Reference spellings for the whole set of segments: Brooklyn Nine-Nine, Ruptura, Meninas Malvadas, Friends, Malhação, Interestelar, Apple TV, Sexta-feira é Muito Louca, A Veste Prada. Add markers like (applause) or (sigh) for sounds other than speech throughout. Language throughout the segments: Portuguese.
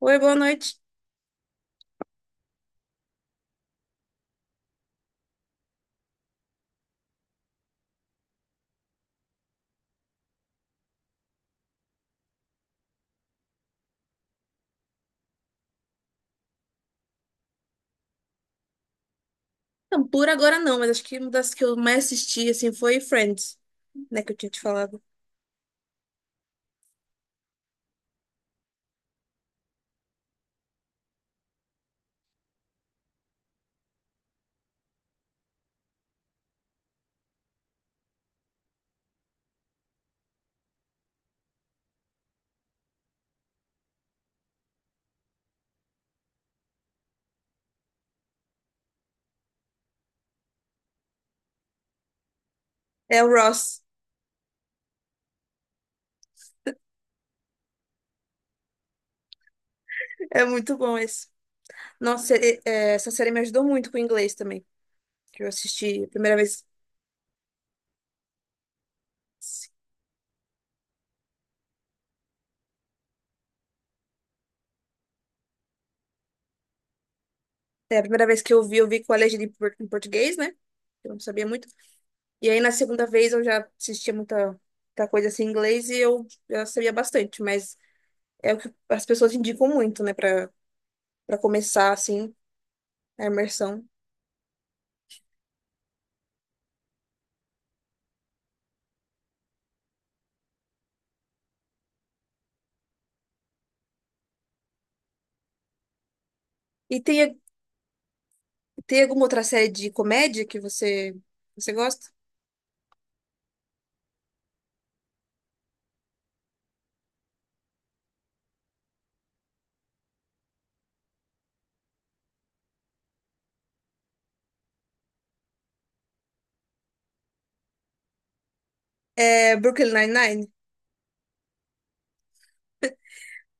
Oi, boa noite. Não, por agora não, mas acho que uma das que eu mais assisti, assim, foi Friends, né, que eu tinha te falado. É o Ross. É muito bom esse. Nossa, essa série me ajudou muito com o inglês também, que eu assisti a primeira vez. É, a primeira vez que eu vi com a legenda em português, né? Eu não sabia muito. E aí, na segunda vez, eu já assistia muita coisa assim em inglês e eu já sabia bastante, mas é o que as pessoas indicam muito, né, pra começar, assim, a imersão. E tem Tem alguma outra série de comédia que você gosta? É Brooklyn Nine-Nine?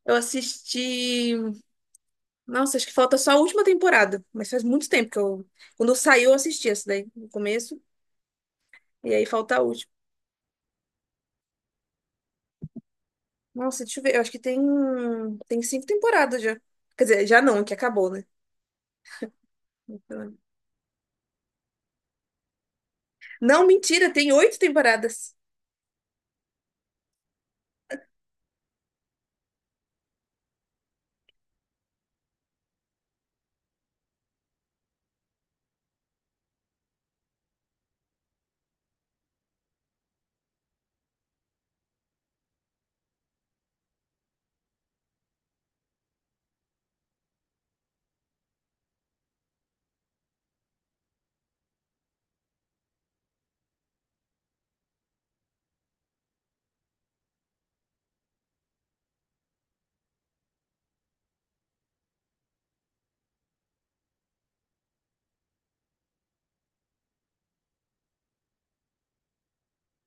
Eu assisti. Nossa, acho que falta só a última temporada, mas faz muito tempo que eu. Quando saiu, eu assisti essa daí, no começo, e aí falta a última. Nossa, deixa eu ver, eu acho que tem, tem cinco temporadas já. Quer dizer, já não, que acabou, né? Não, mentira, tem oito temporadas.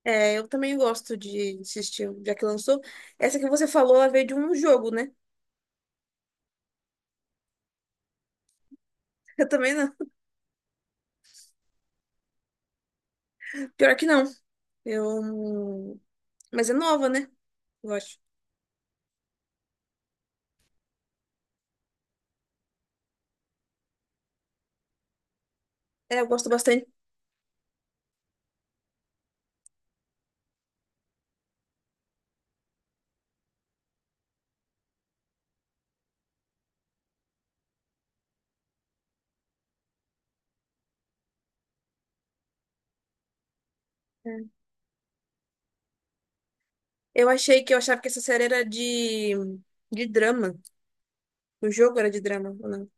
É, eu também gosto de assistir, já que lançou. Essa que você falou, ela veio de um jogo, né? Eu também não. Pior que não. Eu... Mas é nova, né? Gosto. É, eu gosto bastante. É. Eu achava que essa série era de drama. O jogo era de drama, ou não?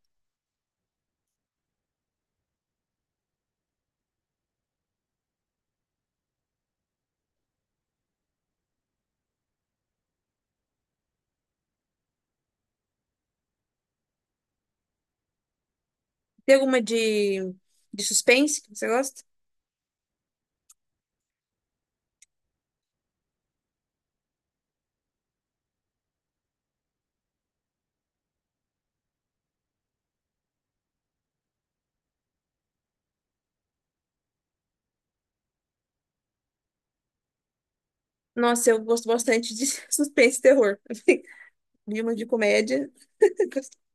Tem alguma de suspense que você gosta? Nossa, eu gosto bastante de (laughs) suspense e terror. (laughs) Vi uma de comédia. (laughs)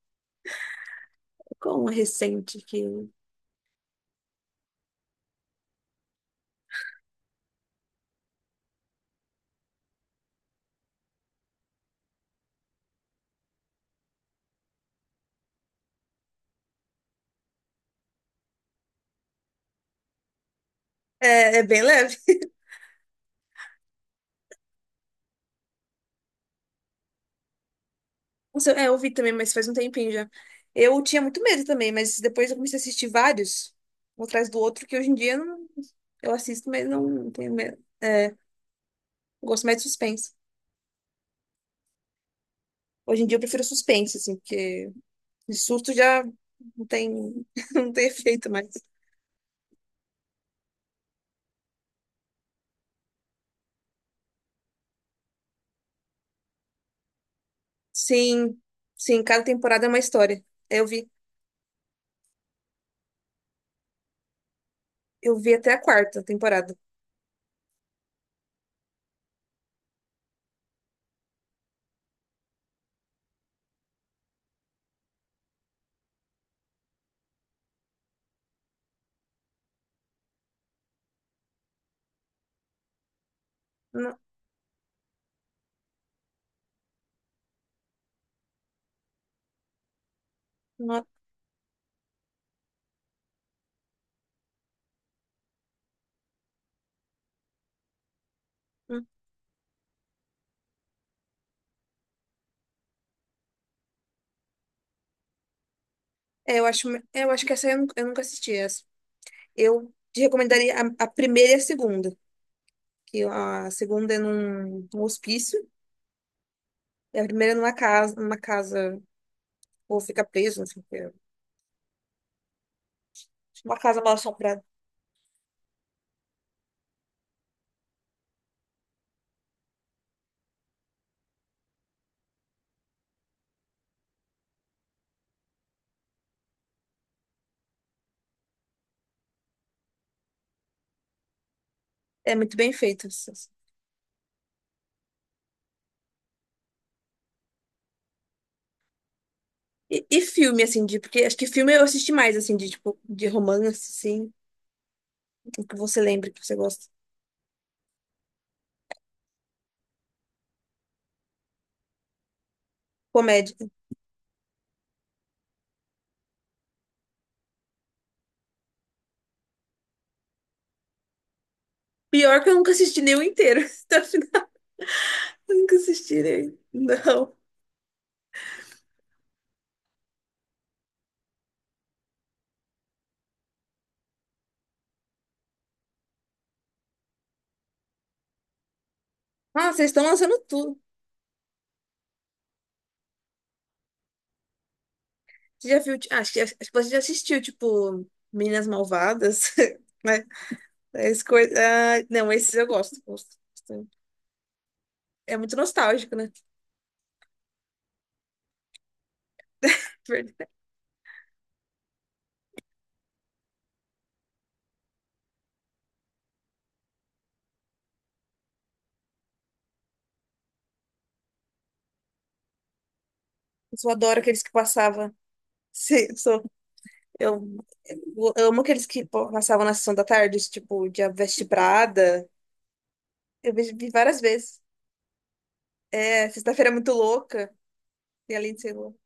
Com uma recente que. É, é bem leve. Nossa, é, eu vi também, mas faz um tempinho já. Eu tinha muito medo também, mas depois eu comecei a assistir vários, um atrás do outro, que hoje em dia eu assisto, mas não tenho medo. É, eu gosto mais de suspense. Hoje em dia eu prefiro suspense, assim, porque de susto já não tem, (laughs) não tem efeito mais. Sim, sim, cada temporada é uma história. Eu vi, eu vi até a quarta temporada. Não, não, não. Eu acho que essa eu nunca assisti essa. Eu te recomendaria a primeira e a segunda. Que a segunda é num hospício, e a primeira é numa casa, ou fica preso, não sei o que. Uma casa mal assombrada. É muito bem feita. E filme, assim, porque acho que filme eu assisti mais, assim, de tipo, de romance, assim, o que você lembra que você gosta. Comédia. Pior que eu nunca assisti nenhum inteiro. (laughs) Até o final, eu nunca assisti nenhum. Não. Ah, vocês estão lançando tudo. Você já viu? Ti- Ah, acho que você já assistiu, tipo, Meninas Malvadas, (laughs) né? Esse coisa... ah, não, esses eu gosto, gosto bastante. É muito nostálgico, né? Verdade. Eu só adoro aqueles que passava (laughs) sim. Eu, eu amo aqueles que pô, passavam na sessão da tarde, tipo, de A Veste Prada. Eu vi várias vezes. É, Sexta-feira é Muito Louca, e além de ser louca.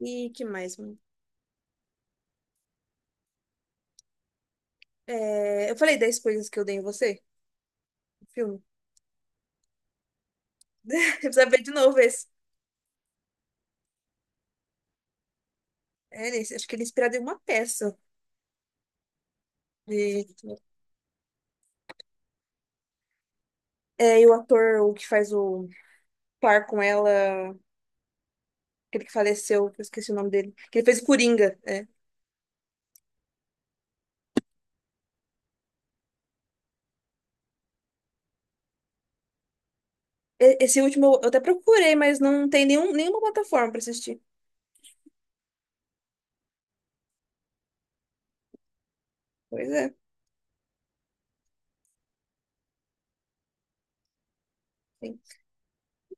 E que mais, mano? É, eu falei 10 coisas que eu dei em você, o filme. (laughs) Eu precisava ver de novo esse. É, acho que ele é inspirado em uma peça. E, e o ator, o que faz o par com ela, aquele que faleceu, que eu esqueci o nome dele, que ele fez o Coringa. Esse último eu até procurei, mas não tem nenhuma plataforma pra assistir. Pois é.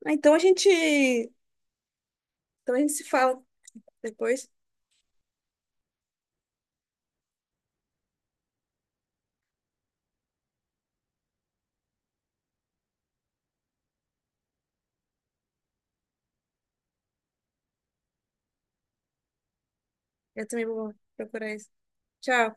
Então a gente se fala depois. Eu também vou procurar isso. Tchau.